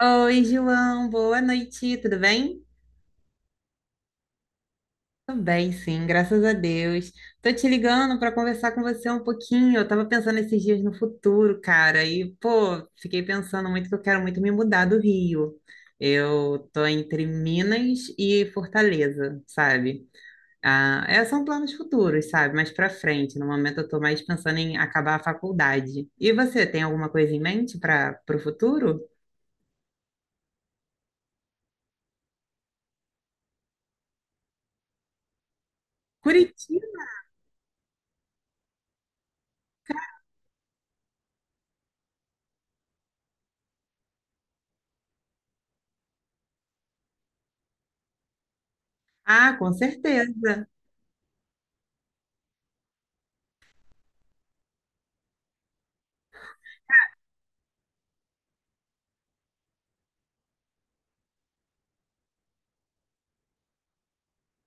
Oi, João, boa noite, tudo bem? Tudo bem, sim, graças a Deus. Tô te ligando para conversar com você um pouquinho. Eu tava pensando esses dias no futuro, cara, e pô, fiquei pensando muito que eu quero muito me mudar do Rio. Eu tô entre Minas e Fortaleza, sabe? Ah, é, são planos futuros, sabe? Mais para frente. No momento eu tô mais pensando em acabar a faculdade. E você, tem alguma coisa em mente para o futuro? Curitiba? Ah, com certeza.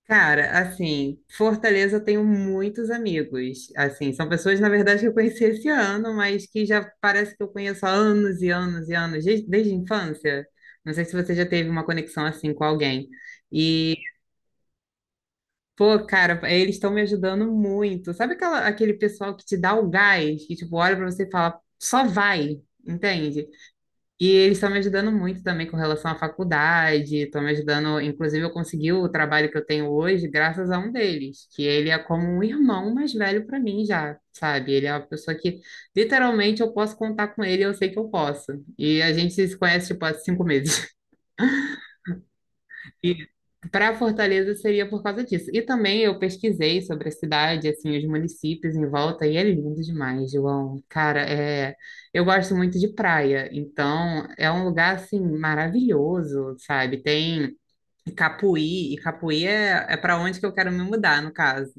Cara, assim, Fortaleza eu tenho muitos amigos. Assim, são pessoas, na verdade, que eu conheci esse ano, mas que já parece que eu conheço há anos e anos e anos, desde a infância. Não sei se você já teve uma conexão assim com alguém. E, pô, cara, eles estão me ajudando muito. Sabe aquela, aquele pessoal que te dá o gás, que, tipo, olha pra você e fala, só vai, entende? E eles estão me ajudando muito também com relação à faculdade, estão me ajudando, inclusive eu consegui o trabalho que eu tenho hoje graças a um deles, que ele é como um irmão mais velho para mim já, sabe? Ele é uma pessoa que literalmente eu posso contar com ele, eu sei que eu posso. E a gente se conhece tipo há 5 meses. Para Fortaleza seria por causa disso. E também eu pesquisei sobre a cidade, assim, os municípios em volta, e é lindo demais, João. Cara, é... eu gosto muito de praia, então é um lugar, assim, maravilhoso, sabe? Tem Capuí, e Capuí é para onde que eu quero me mudar, no caso.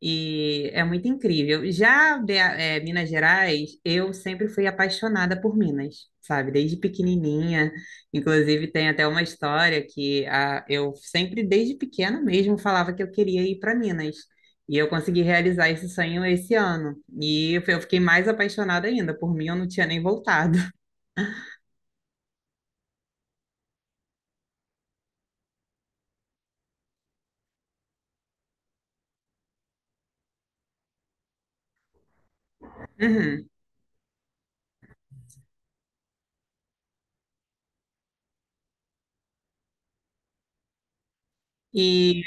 E é muito incrível. Já Minas Gerais, eu sempre fui apaixonada por Minas, sabe? Desde pequenininha. Inclusive, tem até uma história que a eu sempre, desde pequena mesmo, falava que eu queria ir para Minas. E eu consegui realizar esse sonho esse ano. E eu fiquei mais apaixonada ainda. Por mim, eu não tinha nem voltado. Uhum.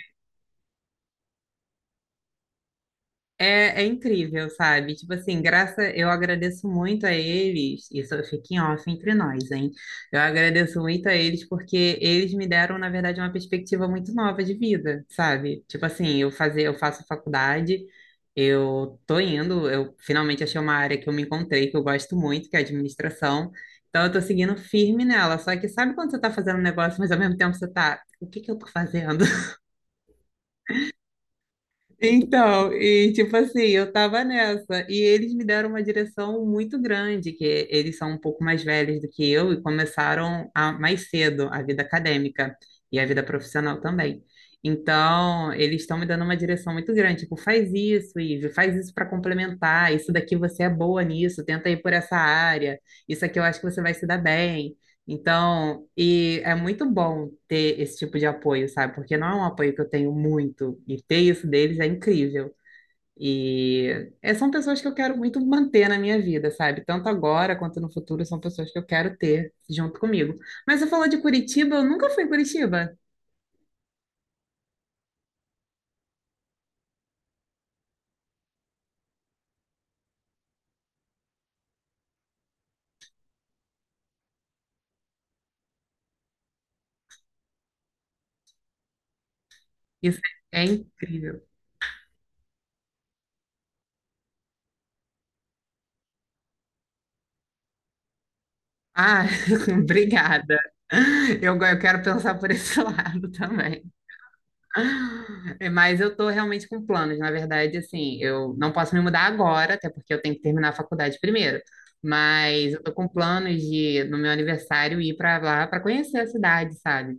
É incrível, sabe? Tipo assim, graça, eu agradeço muito a eles, isso fica em off entre nós, hein? Eu agradeço muito a eles porque eles me deram, na verdade, uma perspectiva muito nova de vida, sabe? Tipo assim, eu fazer, eu faço faculdade, eu tô indo, eu finalmente achei uma área que eu me encontrei, que eu gosto muito, que é a administração. Então eu tô seguindo firme nela. Só que sabe quando você tá fazendo um negócio, mas ao mesmo tempo você tá, o que que eu tô fazendo? Então, e tipo assim, eu tava nessa, e eles me deram uma direção muito grande, que eles são um pouco mais velhos do que eu e começaram a, mais cedo a vida acadêmica e a vida profissional também. Então, eles estão me dando uma direção muito grande, tipo, faz isso, Ive, faz isso para complementar, isso daqui você é boa nisso, tenta ir por essa área, isso aqui eu acho que você vai se dar bem. Então, e é muito bom ter esse tipo de apoio, sabe? Porque não é um apoio que eu tenho muito, e ter isso deles é incrível. E é, são pessoas que eu quero muito manter na minha vida, sabe? Tanto agora quanto no futuro, são pessoas que eu quero ter junto comigo. Mas você falou de Curitiba, eu nunca fui em Curitiba. Isso é incrível. Ah, obrigada. Eu quero pensar por esse lado também. É, mas eu tô realmente com planos. Na verdade, assim, eu não posso me mudar agora, até porque eu tenho que terminar a faculdade primeiro. Mas eu tô com planos de, no meu aniversário, ir pra lá pra conhecer a cidade, sabe?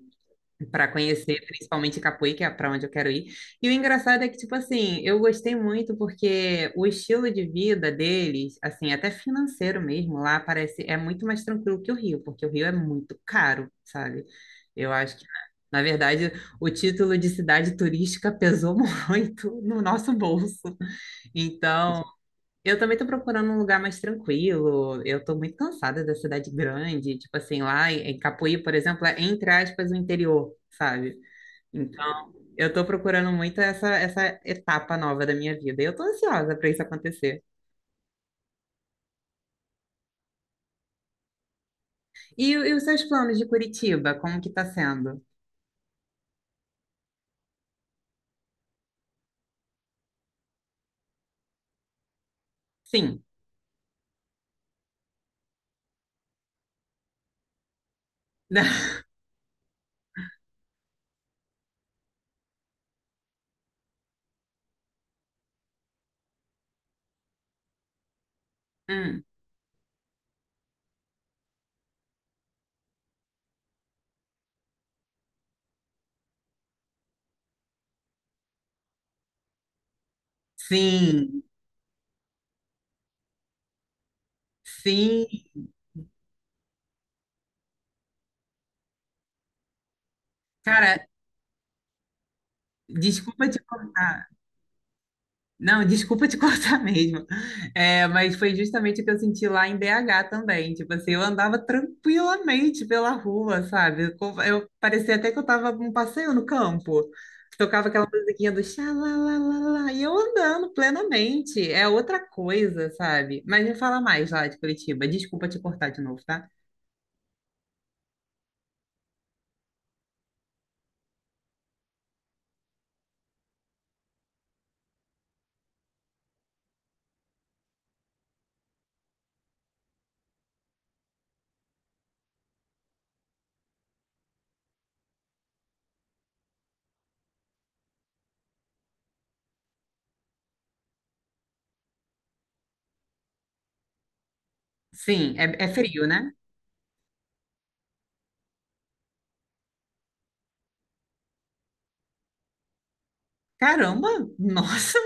Para conhecer principalmente Capoeira, que é para onde eu quero ir. E o engraçado é que, tipo assim, eu gostei muito porque o estilo de vida deles, assim, até financeiro mesmo, lá parece, é muito mais tranquilo que o Rio, porque o Rio é muito caro, sabe? Eu acho que, na verdade, o título de cidade turística pesou muito no nosso bolso. Então, eu também tô procurando um lugar mais tranquilo. Eu tô muito cansada da cidade grande. Tipo assim, lá em Capuí, por exemplo, é entre aspas o interior, sabe? Então, eu tô procurando muito essa etapa nova da minha vida. E eu tô ansiosa para isso acontecer. E os seus planos de Curitiba, como que tá sendo? Sim. Hum, sim. Sim. Cara, desculpa te cortar. Não, desculpa te cortar mesmo. É, mas foi justamente o que eu senti lá em BH também. Tipo assim, eu andava tranquilamente pela rua, sabe? Parecia até que eu tava num passeio no campo. Tocava aquela musiquinha do xalalalala e eu andando plenamente. É outra coisa, sabe? Mas me fala mais lá de Curitiba. Desculpa te cortar de novo, tá? Sim, é frio, né? Caramba! Nossa!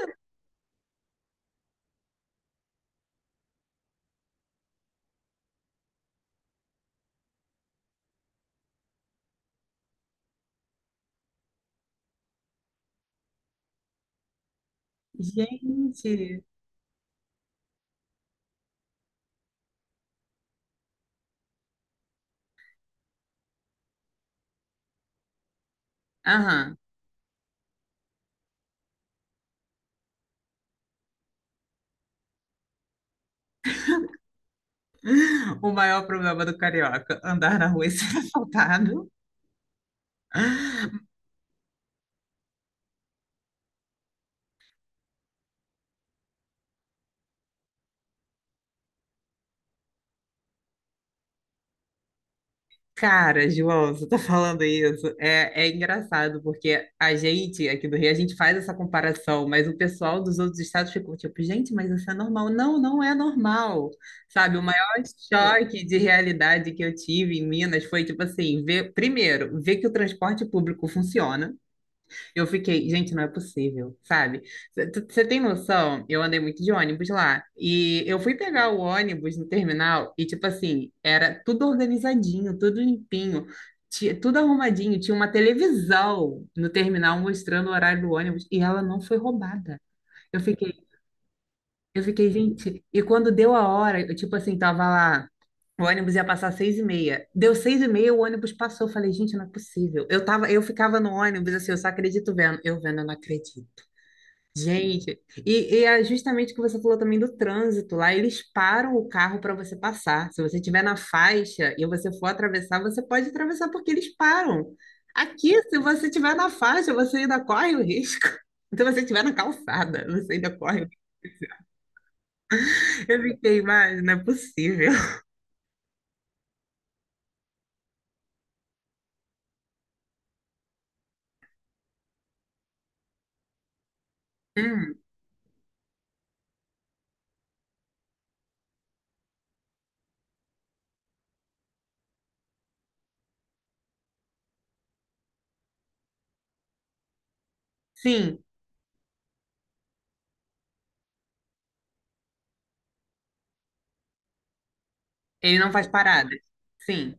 Gente! Aham. O maior problema do carioca, andar na rua e ser assaltado. Cara, João, você tá falando isso. É engraçado, porque a gente aqui do Rio, a gente faz essa comparação, mas o pessoal dos outros estados ficou tipo, gente, mas isso é normal. Não, não é normal. Sabe, o maior choque de realidade que eu tive em Minas foi, tipo assim, ver, primeiro, ver que o transporte público funciona. Eu fiquei, gente, não é possível, sabe? Você tem noção? Eu andei muito de ônibus lá. E eu fui pegar o ônibus no terminal e, tipo assim, era tudo organizadinho, tudo limpinho, tudo arrumadinho. Tinha uma televisão no terminal mostrando o horário do ônibus e ela não foi roubada. Eu fiquei eu fiquei, gente, e quando deu a hora, eu, tipo assim, tava lá, o ônibus ia passar 6:30. Deu 6:30, o ônibus passou. Eu falei, gente, não é possível. Eu tava, eu ficava no ônibus, assim, eu só acredito vendo. Eu vendo, eu não acredito. Gente, e é justamente o que você falou também do trânsito. Lá eles param o carro para você passar. Se você estiver na faixa e você for atravessar, você pode atravessar porque eles param. Aqui, se você estiver na faixa, você ainda corre o risco. Se você estiver na calçada, você ainda corre. Eu fiquei, mas não é possível. Hum, sim, ele não faz paradas. Sim.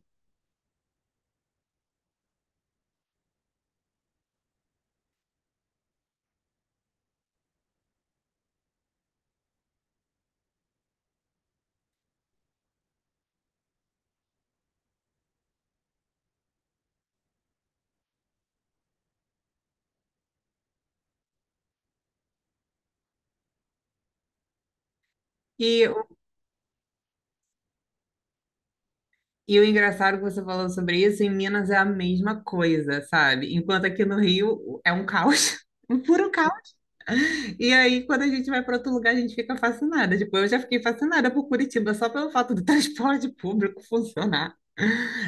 E, e o engraçado que você falou sobre isso, em Minas é a mesma coisa, sabe? Enquanto aqui no Rio é um caos, um puro caos. E aí, quando a gente vai para outro lugar, a gente fica fascinada. Tipo, eu já fiquei fascinada por Curitiba só pelo fato do transporte público funcionar.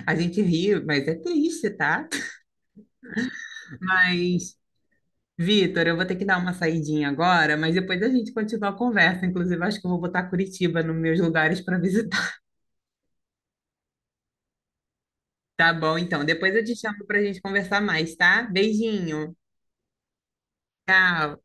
A gente ri, mas é triste, tá? Mas Vitor, eu vou ter que dar uma saidinha agora, mas depois a gente continua a conversa. Inclusive, acho que eu vou botar Curitiba nos meus lugares para visitar. Tá bom, então. Depois eu te chamo para a gente conversar mais, tá? Beijinho. Tchau.